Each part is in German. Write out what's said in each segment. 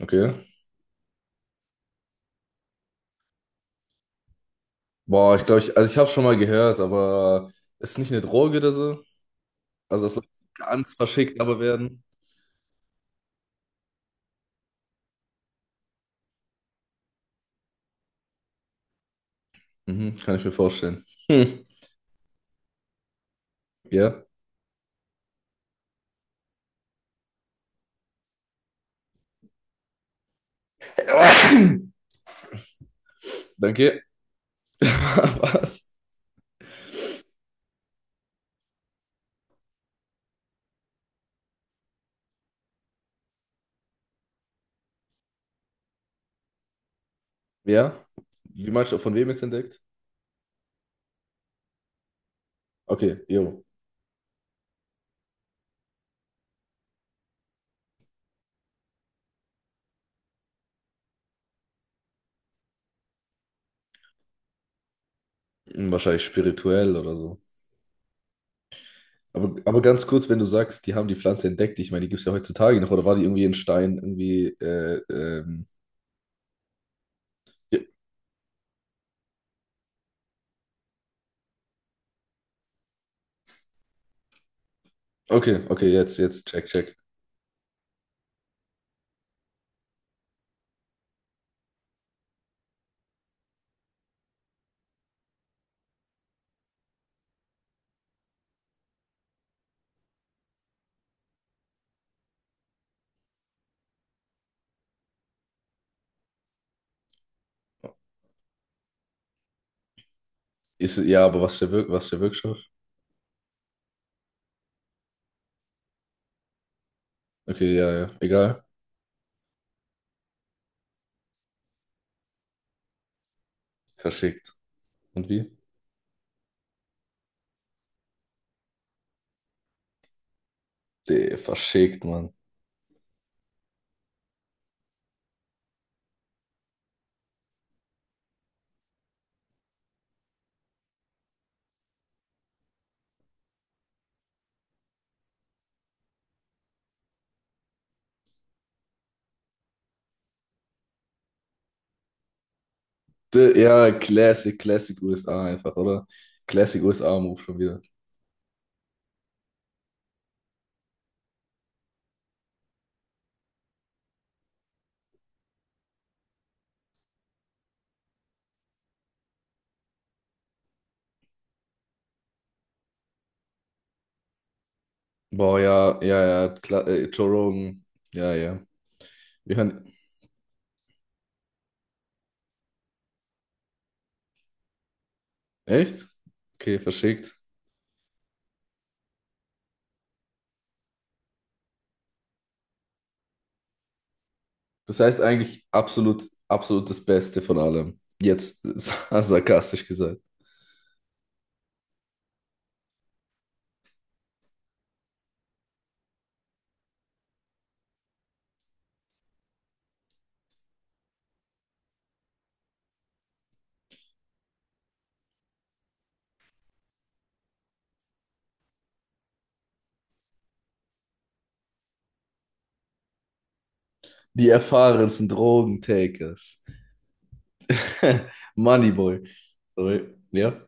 Okay. Boah, ich glaube, ich habe schon mal gehört, aber ist nicht eine Droge oder so? Also das soll ganz verschickt aber werden. Mhm, kann ich mir vorstellen. Hm. Ja. Danke. Was? Ja? Wie meinst du, von wem jetzt entdeckt? Okay, jo. Hm, wahrscheinlich spirituell oder so. Aber ganz kurz, wenn du sagst, die haben die Pflanze entdeckt, ich meine, die gibt es ja heutzutage noch, oder war die irgendwie in Stein, irgendwie, ja. Okay, okay, jetzt, check, check. Ist, ja, aber was ist der Wirk, was ist der Wirkstoff? Okay, ja, ja. Egal. Verschickt. Und wie? De, verschickt, Mann. De, ja, Classic, Classic USA einfach, oder? Classic USA-Move schon wieder. Boah, ja, ja, ja. Kla Joe Rogan. Ja, ja. Wir hören. Echt? Okay, verschickt. Das heißt eigentlich absolut, absolut das Beste von allem. Jetzt sarkastisch gesagt. Die erfahrensten Drogentakers. Moneyboy. Sorry. Ja.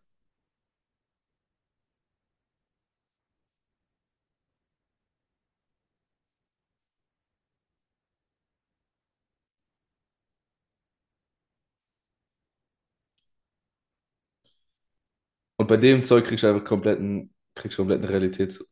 Und bei dem Zeug kriegst du einfach kompletten, kriegst du kompletten Realitäts.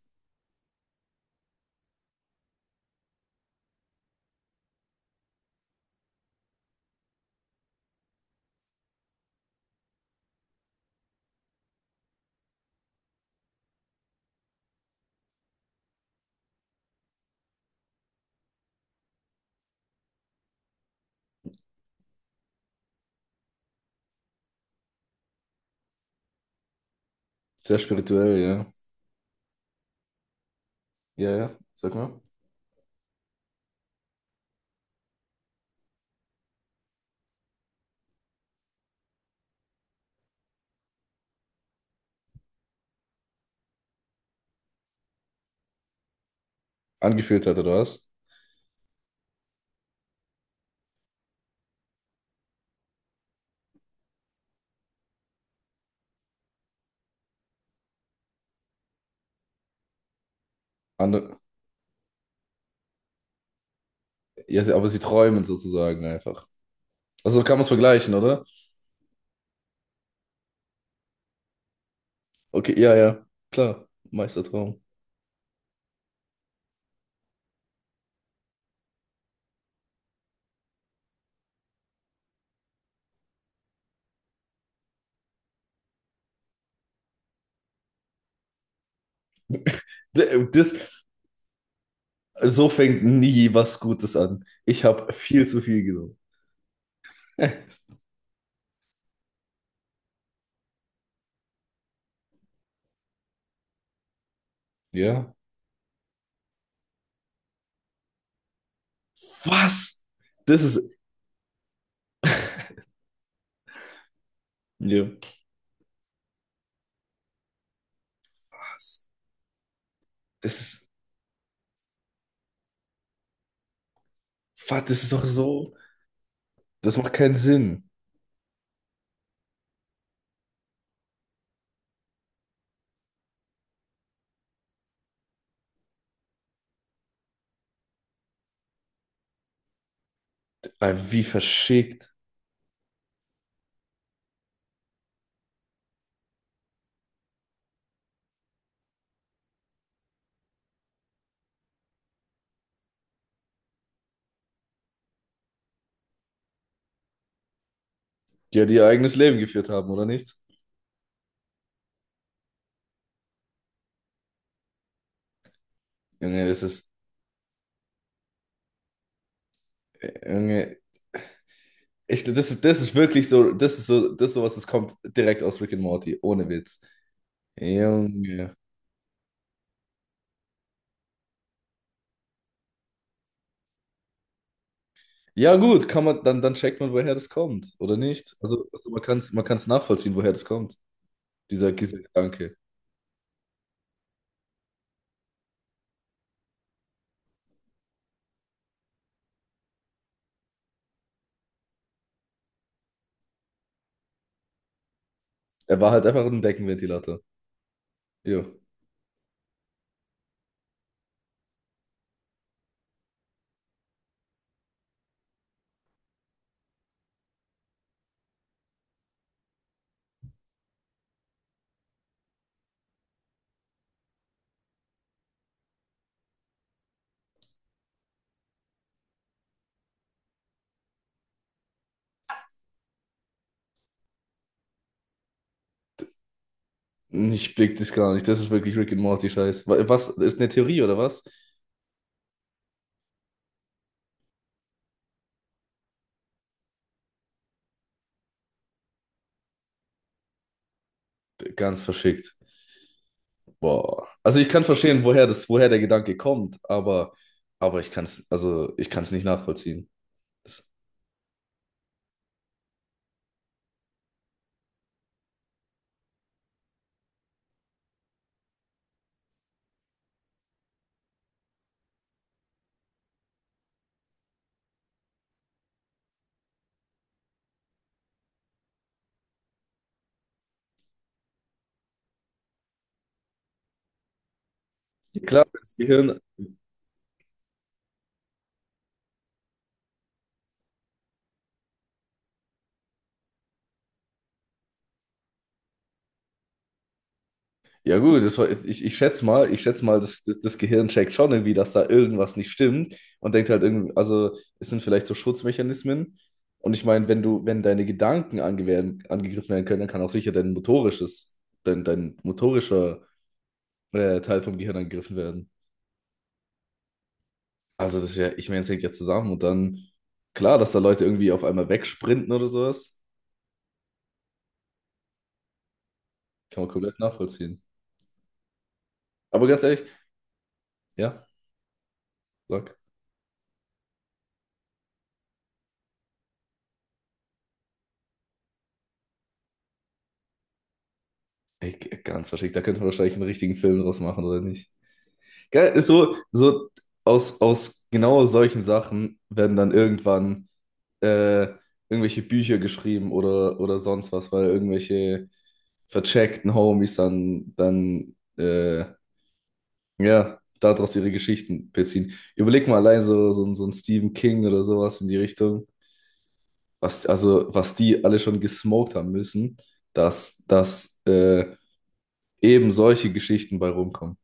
Sehr spirituell, ja. Ja, ja, sag mal. Angeführt hat, oder was? Andere, ja, sie- aber sie träumen sozusagen einfach. Also so kann man es vergleichen, oder? Okay, ja, ja, klar. Meistertraum. D- Das, so fängt nie was Gutes an. Ich habe viel zu viel genommen. Ja. Was? Das ist. Ja. Was? Das ist. Was? Das ist doch so. Das macht keinen Sinn. Ah, wie verschickt. Die ja, die ihr eigenes Leben geführt haben, oder nicht? Junge, das ist. Junge, ich, das ist wirklich so, das ist sowas, das kommt direkt aus Rick and Morty, ohne Witz. Junge. Ja, gut, kann man, dann, dann checkt man, woher das kommt, oder nicht? Also man kann es, man kann's nachvollziehen, woher das kommt, dieser Gedanke. Er war halt einfach ein Deckenventilator. Jo. Ich blick das gar nicht. Das ist wirklich Rick and Morty-Scheiß. Wa- Was? Ist eine Theorie oder was? Ganz verschickt. Boah. Also ich kann verstehen, woher das, woher der Gedanke kommt, aber ich kann es, also ich kann es nicht nachvollziehen. Das, klar, wenn das Gehirn. Ja gut, das war, ich, ich schätze mal, das, das, das Gehirn checkt schon irgendwie, dass da irgendwas nicht stimmt und denkt halt irgendwie, also es sind vielleicht so Schutzmechanismen. Und ich meine, wenn du, wenn deine Gedanken ange werden, angegriffen werden können, dann kann auch sicher dein motorisches, dein motorischer Teil vom Gehirn angegriffen werden. Also das ist ja, ich meine, es hängt ja zusammen und dann, klar, dass da Leute irgendwie auf einmal wegsprinten oder sowas, kann man komplett nachvollziehen. Aber ganz ehrlich, ja, sag. Ey, ganz wahrscheinlich, da könnte man wahrscheinlich einen richtigen Film draus machen, oder nicht? Geil, ist so, so aus, aus genau solchen Sachen werden dann irgendwann äh, irgendwelche Bücher geschrieben oder sonst was, weil irgendwelche vercheckten Homies dann, dann ja, daraus ihre Geschichten beziehen. Überleg mal allein so, so ein Stephen King oder sowas in die Richtung, was, also, was die alle schon gesmoked haben müssen, dass, dass eben solche Geschichten bei rumkommen.